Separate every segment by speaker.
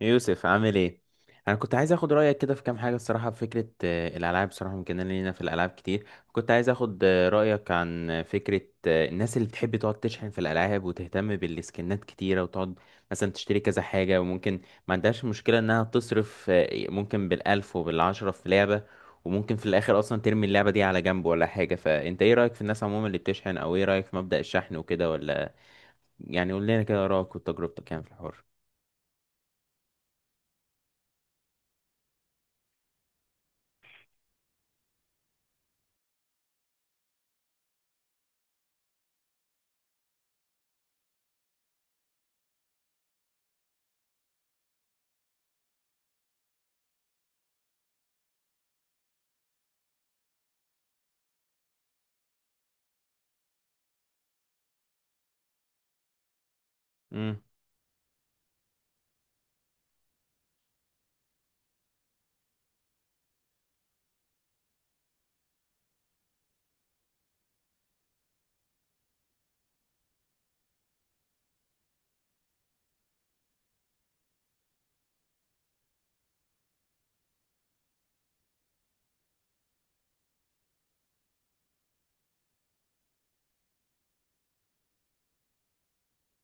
Speaker 1: يوسف، عامل ايه؟ انا كنت عايز اخد رايك كده في كام حاجه الصراحه، في فكره، الالعاب الصراحه ممكن لينا في الالعاب كتير. كنت عايز اخد رايك عن فكره الناس اللي بتحب تقعد تشحن في الالعاب وتهتم بالسكنات كتيره، وتقعد مثلا تشتري كذا حاجه. وممكن ما عندهاش مشكله انها تصرف، ممكن بالالف وبالعشره في لعبه، وممكن في الاخر اصلا ترمي اللعبه دي على جنب ولا حاجه. فانت ايه رايك في الناس عموما اللي بتشحن، او ايه رايك في مبدأ الشحن وكده؟ ولا يعني قول لنا كده رايك وتجربتك يعني في الحوار.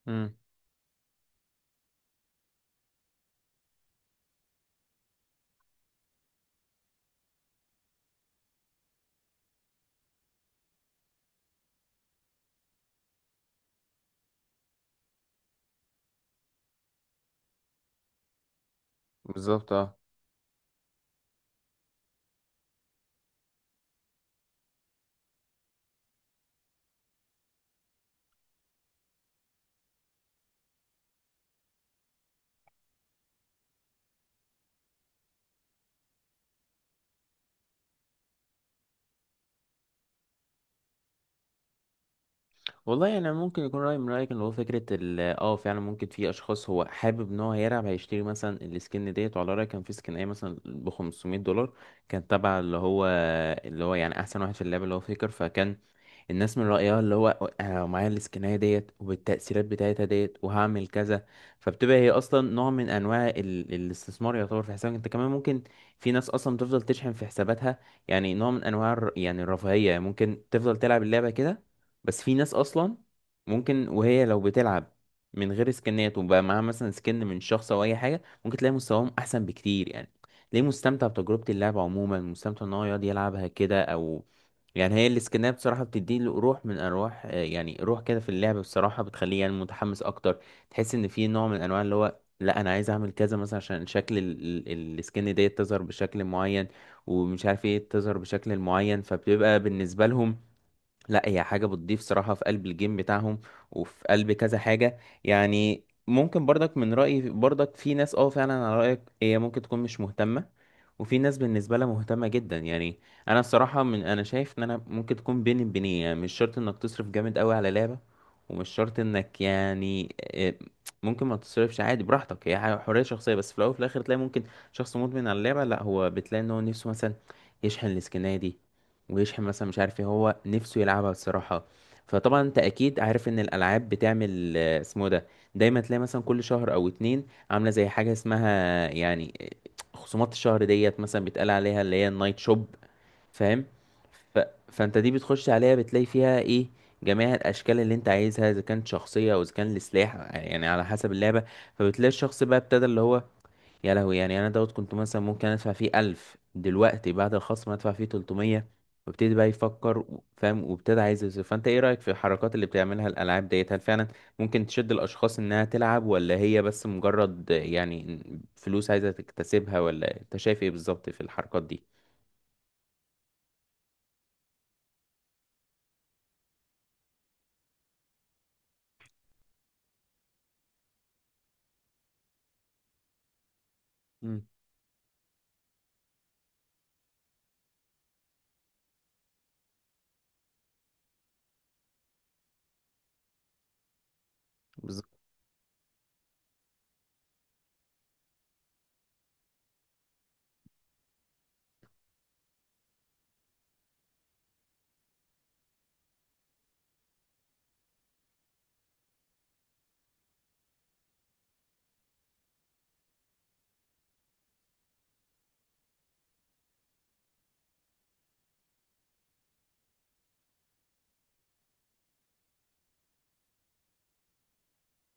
Speaker 1: امم. بالظبط، اه. والله يعني ممكن يكون رأي من رأيك، اللي هو فكرة ال اه فعلا ممكن في أشخاص هو حابب إن هو هيلعب، هيشتري مثلا السكن ديت، وعلى رأيي كان في سكناية مثلا ب 500 دولار، كانت تبع اللي هو يعني أحسن واحد في اللعبة، اللي هو فيكر. فكان الناس من رأيها اللي هو: أنا لو معايا السكناية ديت وبالتأثيرات بتاعتها ديت، وهعمل كذا. فبتبقى هي أصلا نوع من أنواع الاستثمار، يعتبر في حسابك أنت كمان ممكن. في ناس أصلا تفضل تشحن في حساباتها، يعني نوع من أنواع يعني الرفاهية، يعني ممكن تفضل تلعب اللعبة كده. بس في ناس اصلا ممكن وهي لو بتلعب من غير سكنات، وبقى معاها مثلا سكن من شخص او اي حاجه، ممكن تلاقي مستواهم احسن بكتير، يعني ليه؟ مستمتع بتجربه اللعب عموما، مستمتع ان هو يقعد يلعبها كده. او يعني هي السكنات بصراحه بتدي له روح من ارواح، يعني روح كده في اللعب بصراحه، بتخليه يعني متحمس اكتر. تحس ان في نوع من انواع اللي هو: لا، انا عايز اعمل كذا مثلا عشان شكل السكن ديت تظهر بشكل معين، ومش عارف ايه، تظهر بشكل معين. فبتبقى بالنسبه لهم، لا، هي حاجة بتضيف صراحة في قلب الجيم بتاعهم وفي قلب كذا حاجة. يعني ممكن برضك من رأيي برضك في ناس اه فعلا على رأيك هي ممكن تكون مش مهتمة، وفي ناس بالنسبة لها مهتمة جدا، يعني انا الصراحة، من انا شايف ان انا ممكن تكون بين بينين، يعني مش شرط انك تصرف جامد قوي على لعبة، ومش شرط انك يعني، ممكن ما تصرفش، عادي براحتك، هي حرية شخصية. بس في الاول وفي الاخر تلاقي ممكن شخص مدمن على اللعبة، لا، هو بتلاقي ان هو نفسه مثلا يشحن السكنة دي، ويشحن مثلا مش عارف ايه، هو نفسه يلعبها الصراحة. فطبعا انت اكيد عارف ان الالعاب بتعمل اسمه ده، دايما تلاقي مثلا كل شهر او اتنين عاملة زي حاجة اسمها يعني خصومات الشهر ديت، مثلا بيتقال عليها اللي هي النايت شوب. فاهم؟ ف... فانت دي بتخش عليها، بتلاقي فيها ايه؟ جميع الاشكال اللي انت عايزها، اذا كانت شخصيه او اذا كان لسلاح، يعني على حسب اللعبه. فبتلاقي الشخص بقى ابتدى اللي هو: يا لهوي، يعني انا دوت كنت مثلا ممكن ادفع فيه 1000، دلوقتي بعد الخصم ادفع فيه 300. وابتدي بقى يفكر، فاهم، وابتدي عايز يصرف. فانت ايه رأيك في الحركات اللي بتعملها الالعاب ديت؟ هل فعلا ممكن تشد الاشخاص انها تلعب، ولا هي بس مجرد يعني فلوس عايزة تكتسبها، ولا انت شايف ايه بالظبط في الحركات دي؟ مم. بالظبط.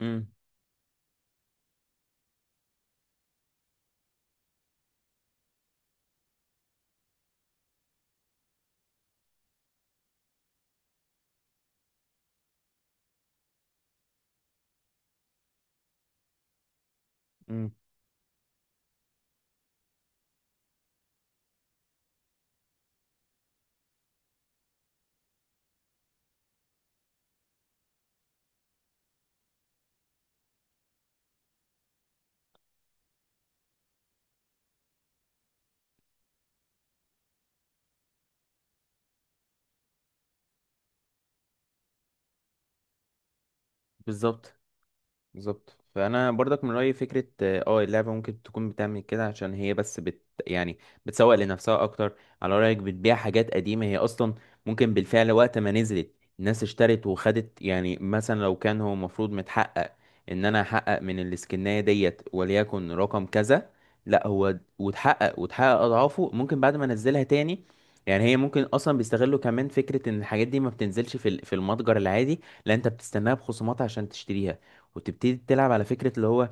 Speaker 1: امم. امم. بالظبط. بالظبط. فانا برضك من رايي فكره اللعبه ممكن تكون بتعمل كده عشان هي بس يعني بتسوق لنفسها اكتر، على رايك بتبيع حاجات قديمه هي اصلا. ممكن بالفعل وقت ما نزلت الناس اشترت وخدت، يعني مثلا لو كان هو المفروض متحقق ان انا احقق من الاسكنايه ديت وليكن رقم كذا، لا، هو وتحقق وتحقق اضعافه ممكن بعد ما انزلها تاني. يعني هي ممكن اصلا بيستغلوا كمان فكره ان الحاجات دي ما بتنزلش في في المتجر العادي، لا، انت بتستناها بخصومات عشان تشتريها، وتبتدي تلعب. على فكرة اللي هو: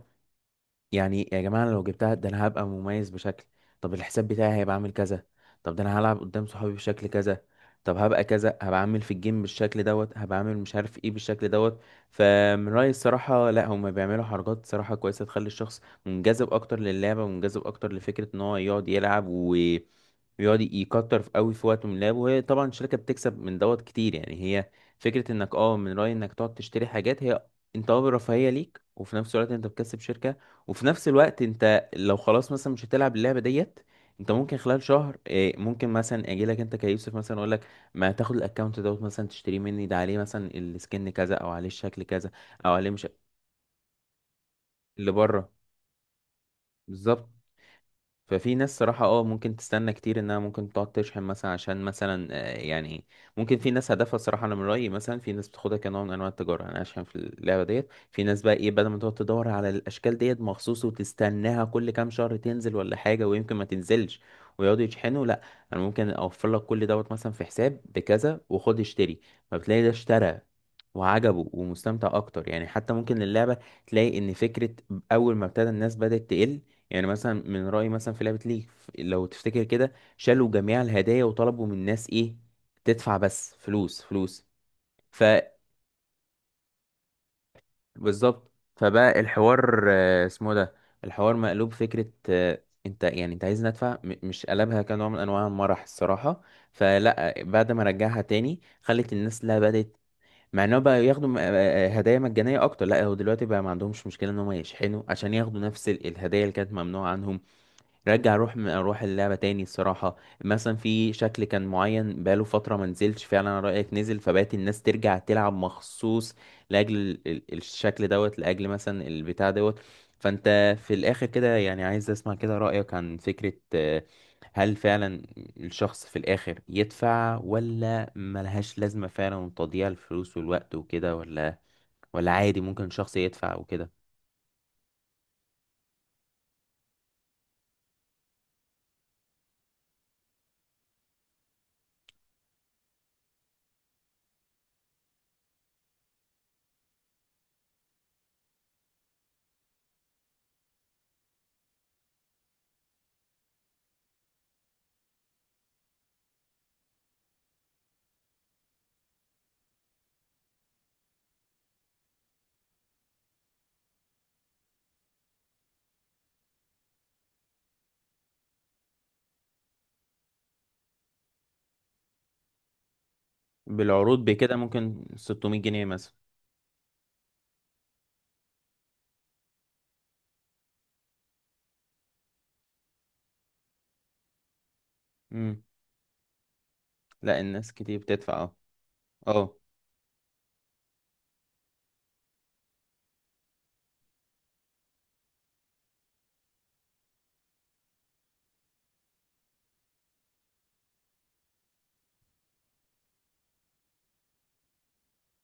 Speaker 1: يعني يا جماعة، أنا لو جبتها ده أنا هبقى مميز بشكل. طب الحساب بتاعي هيبقى عامل كذا. طب ده أنا هلعب قدام صحابي بشكل كذا. طب هبقى كذا، هبقى عامل في الجيم بالشكل دوت، هبقى عامل مش عارف ايه بالشكل دوت. فمن رأيي الصراحة، لا، هما بيعملوا حركات صراحة كويسة، تخلي الشخص منجذب أكتر للعبة ومنجذب أكتر لفكرة إن هو يقعد يلعب، و يقعد يكتر في قوي في وقته من اللعب. وهي طبعا الشركة بتكسب من دوت كتير، يعني هي فكرة انك من رأيي انك تقعد تشتري حاجات، هي انت رفاهية ليك، وفي نفس الوقت انت بتكسب شركة. وفي نفس الوقت انت لو خلاص مثلا مش هتلعب اللعبه ديت، انت ممكن خلال شهر ممكن مثلا اجي لك انت كيوسف مثلا اقول لك: ما تاخد الاكونت دوت مثلا تشتريه مني، ده عليه مثلا السكن كذا او عليه الشكل كذا، او عليه مش اللي بره. بالظبط. ففي ناس صراحة اه ممكن تستنى كتير انها ممكن تقعد تشحن مثلا عشان مثلا، يعني ممكن في ناس هدفها صراحة، انا من رأيي مثلا في ناس بتاخدها كنوع من انواع التجارة. يعني انا اشحن في اللعبة ديت. في ناس بقى ايه، بدل ما تقعد تدور على الاشكال ديت مخصوص وتستناها كل كام شهر تنزل ولا حاجة، ويمكن ما تنزلش ويقعدوا يشحنوا، لا، انا ممكن اوفر لك كل دوت مثلا في حساب بكذا، وخد اشتري. فبتلاقي ده اشترى وعجبه ومستمتع اكتر، يعني حتى ممكن اللعبة تلاقي ان فكرة اول ما ابتدى، الناس بدأت تقل. يعني مثلا من رأيي مثلا في لعبة ليج، لو تفتكر كده، شالوا جميع الهدايا وطلبوا من الناس ايه؟ تدفع بس. فلوس فلوس، فبالظبط، فبقى الحوار اسمه ده، الحوار مقلوب فكرة. انت يعني انت عايز ندفع، مش قلبها كنوع من انواع المرح الصراحة. فلا، بعد ما رجعها تاني خلت الناس، لا، بدأت مع انهم بقى ياخدوا هدايا مجانية اكتر. لا، هو دلوقتي بقى ما عندهمش مشكلة ان هم يشحنوا عشان ياخدوا نفس الهدايا اللي كانت ممنوعة عنهم. رجع اروح اللعبه تاني الصراحه. مثلا في شكل كان معين بقاله فتره ما نزلش، فعلا أنا رايك نزل، فبقت الناس ترجع تلعب مخصوص لاجل الشكل دوت، لاجل مثلا البتاع دوت. فانت في الاخر كده يعني عايز اسمع كده رايك عن فكره، هل فعلا الشخص في الاخر يدفع، ولا ملهاش لازمه، فعلا تضييع الفلوس والوقت وكده، ولا عادي ممكن شخص يدفع وكده؟ بالعروض بكده ممكن 600 جنيه مثلا. لا، الناس كتير بتدفع، اه. اه.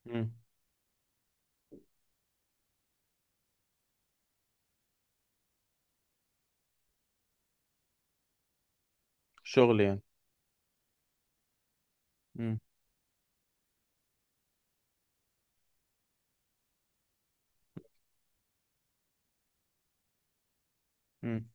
Speaker 1: مم. شغل يعني. مم. مم.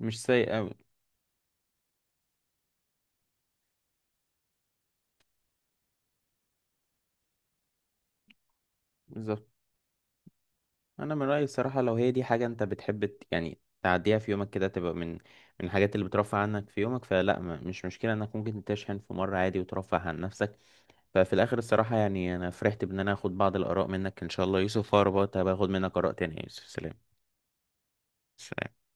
Speaker 1: مش سيء أوي. بالظبط. أنا من رأيي الصراحة، لو هي دي حاجة أنت بتحب يعني تعديها في يومك كده، تبقى من الحاجات اللي بترفع عنك في يومك، فلا، ما مش مشكلة إنك ممكن تشحن في مرة عادي وترفه عن نفسك. ففي الآخر الصراحة يعني، أنا فرحت بإن أنا آخد بعض الآراء منك إن شاء الله يوسف، وأربط هباخد منك آراء تانية. يا يوسف، سلام. سلام.